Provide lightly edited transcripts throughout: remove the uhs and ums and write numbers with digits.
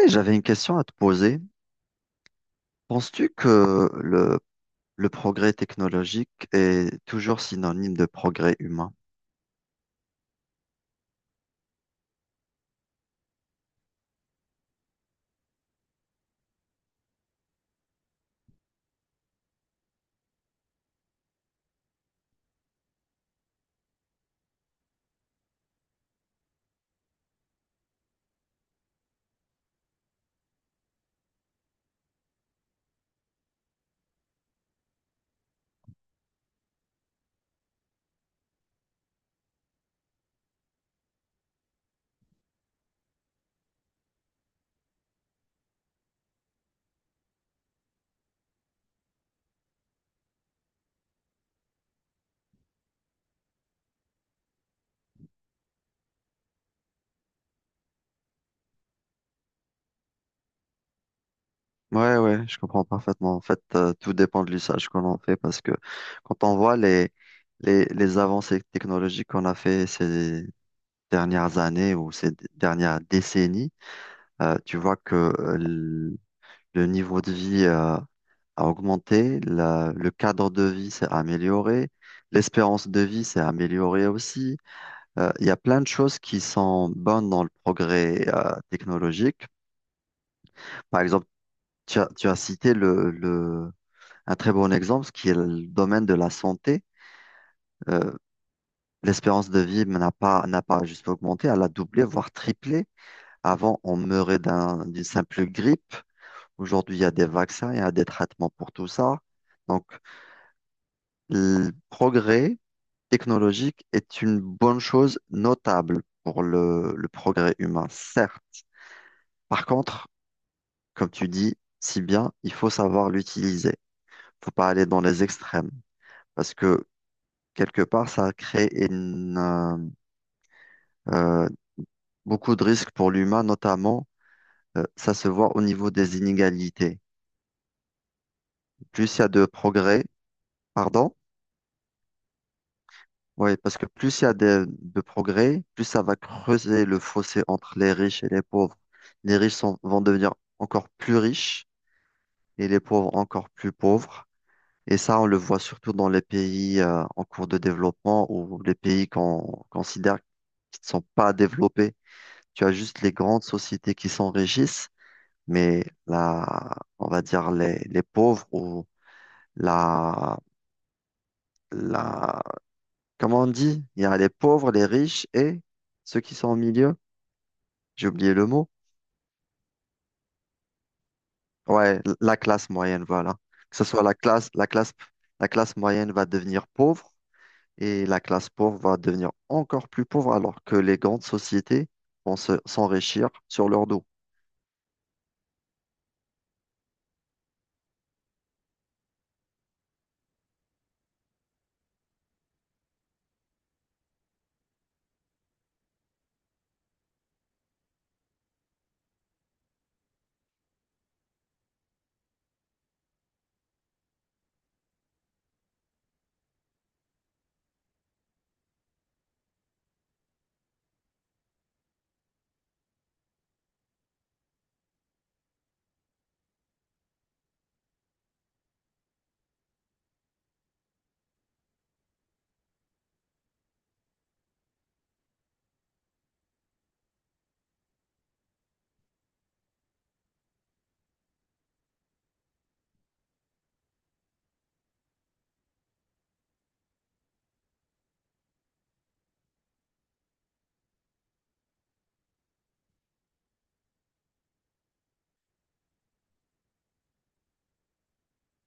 Et j'avais une question à te poser. Penses-tu que le progrès technologique est toujours synonyme de progrès humain? Ouais, ouais, je comprends parfaitement. En fait, tout dépend de l'usage qu'on en fait parce que quand on voit les avancées technologiques qu'on a fait ces dernières années ou ces dernières décennies, tu vois que le niveau de vie, a augmenté, le cadre de vie s'est amélioré, l'espérance de vie s'est améliorée aussi. Il y a plein de choses qui sont bonnes dans le progrès technologique. Par exemple, tu as cité un très bon exemple, ce qui est le domaine de la santé. Euh, l'espérance de vie n'a pas juste augmenté, elle a doublé, voire triplé. Avant, on meurait d'une simple grippe. Aujourd'hui, il y a des vaccins, il y a des traitements pour tout ça. Donc, le progrès technologique est une bonne chose notable pour le progrès humain, certes. Par contre, comme tu dis si bien, il faut savoir l'utiliser. Faut pas aller dans les extrêmes parce que quelque part, ça crée euh, beaucoup de risques pour l'humain, notamment, ça se voit au niveau des inégalités. Plus il y a de progrès, pardon, oui, parce que plus il y a de progrès, plus ça va creuser le fossé entre les riches et les pauvres. Les riches vont devenir encore plus riches et les pauvres encore plus pauvres. Et ça, on le voit surtout dans les pays en cours de développement ou les pays qu'on considère qui ne sont pas développés. Tu as juste les grandes sociétés qui s'enrichissent, mais la, on va dire les pauvres ou la, la, comment on dit? Il y a les pauvres, les riches et ceux qui sont au milieu. J'ai oublié le mot. Ouais, la classe moyenne, voilà. Que ce soit la classe moyenne va devenir pauvre et la classe pauvre va devenir encore plus pauvre alors que les grandes sociétés s'enrichir sur leur dos.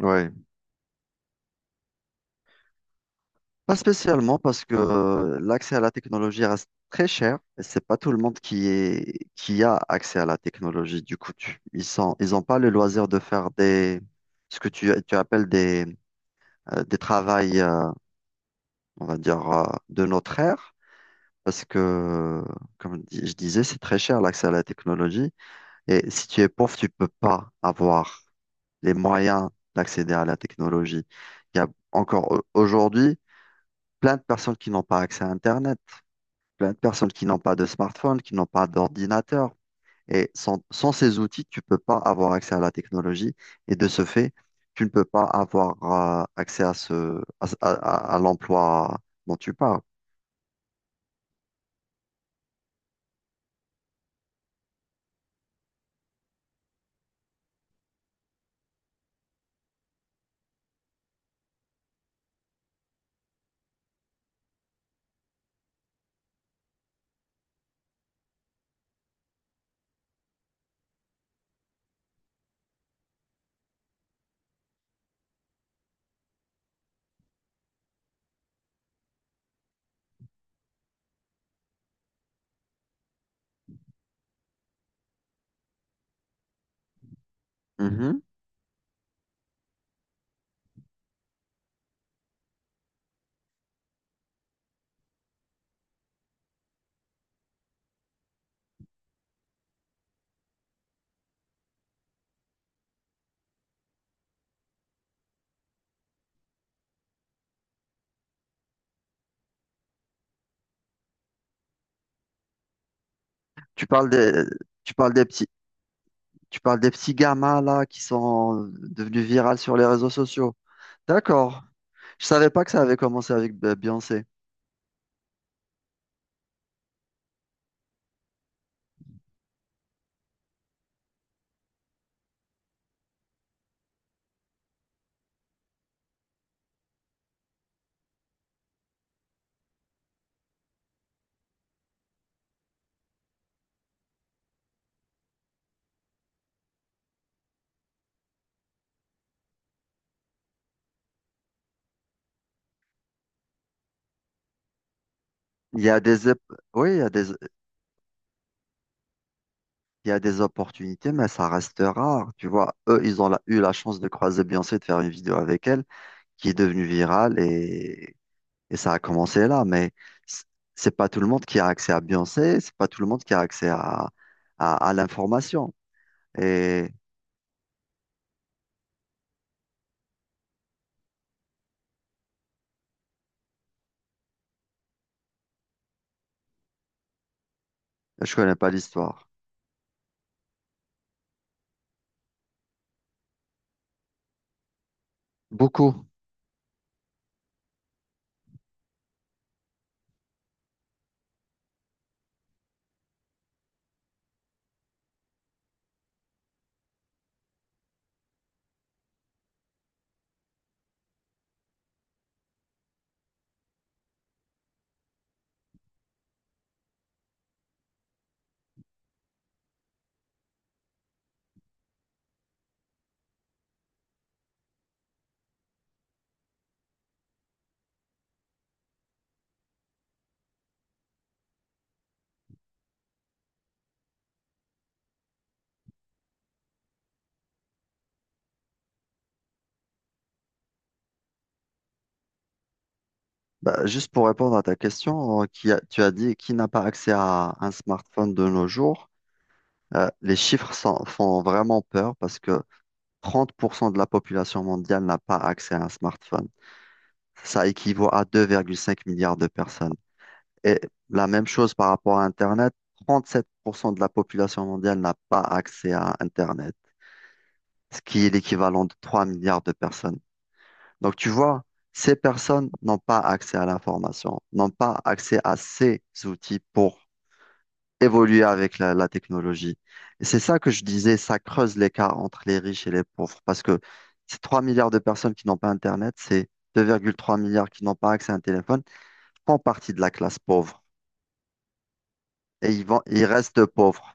Ouais. Pas spécialement parce que l'accès à la technologie reste très cher et c'est pas tout le monde qui a accès à la technologie. Du coup, ils ont pas le loisir de faire ce que tu appelles des travails, on va dire, de notre ère. Parce que, comme je disais, c'est très cher l'accès à la technologie. Et si tu es pauvre, tu peux pas avoir les moyens d'accéder à la technologie. Il y a encore aujourd'hui plein de personnes qui n'ont pas accès à Internet, plein de personnes qui n'ont pas de smartphone, qui n'ont pas d'ordinateur. Et sans ces outils, tu ne peux pas avoir accès à la technologie. Et de ce fait, tu ne peux pas avoir accès à à l'emploi dont tu parles. Mhm. Tu parles des, tu parles des petits, tu parles des petits gamins là qui sont devenus virales sur les réseaux sociaux. D'accord. Je savais pas que ça avait commencé avec Beyoncé. Il y a des, ép- oui, il y a des opportunités, mais ça reste rare. Tu vois, eux, eu la chance de croiser Beyoncé, de faire une vidéo avec elle, qui est devenue virale et ça a commencé là. Mais c- c'est pas tout le monde qui a accès à Beyoncé, c'est pas tout le monde qui a accès à l'information. Et je connais pas l'histoire. Beaucoup. Bah, juste pour répondre à ta question, tu as dit qui n'a pas accès à un smartphone de nos jours. Les chiffres font vraiment peur parce que 30% de la population mondiale n'a pas accès à un smartphone. Ça équivaut à 2,5 milliards de personnes. Et la même chose par rapport à Internet, 37% de la population mondiale n'a pas accès à Internet, ce qui est l'équivalent de 3 milliards de personnes. Donc tu vois, ces personnes n'ont pas accès à l'information, n'ont pas accès à ces outils pour évoluer avec la technologie. Et c'est ça que je disais, ça creuse l'écart entre les riches et les pauvres, parce que ces 3 milliards de personnes qui n'ont pas Internet, c'est 2,3 milliards qui n'ont pas accès à un téléphone, font partie de la classe pauvre et ils restent pauvres.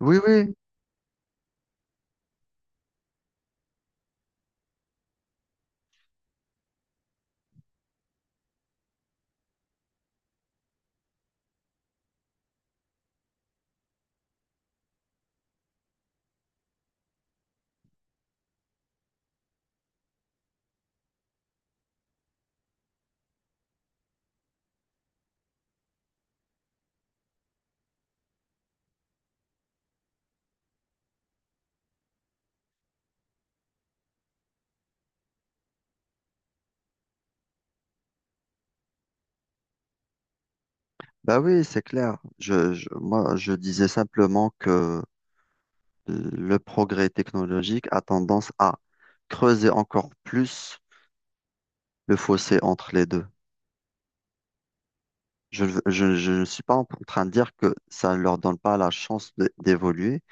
Oui, oui, bah oui, c'est clair. Moi, je disais simplement que le progrès technologique a tendance à creuser encore plus le fossé entre les deux. Je ne suis pas en train de dire que ça ne leur donne pas la chance d'évoluer,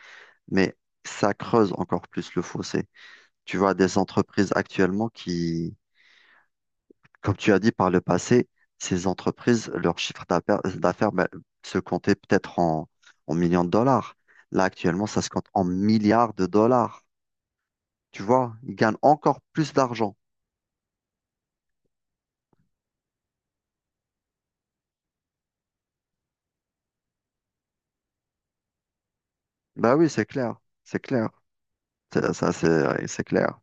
mais ça creuse encore plus le fossé. Tu vois, des entreprises actuellement qui, comme tu as dit par le passé, ces entreprises, leur chiffre d'affaires d'affaires, ben, se comptait peut-être en millions de dollars. Là, actuellement, ça se compte en milliards de dollars. Tu vois, ils gagnent encore plus d'argent. Bah oui, c'est clair, c'est clair. C'est clair.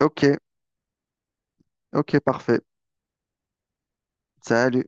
Ok, ok, parfait. Salut.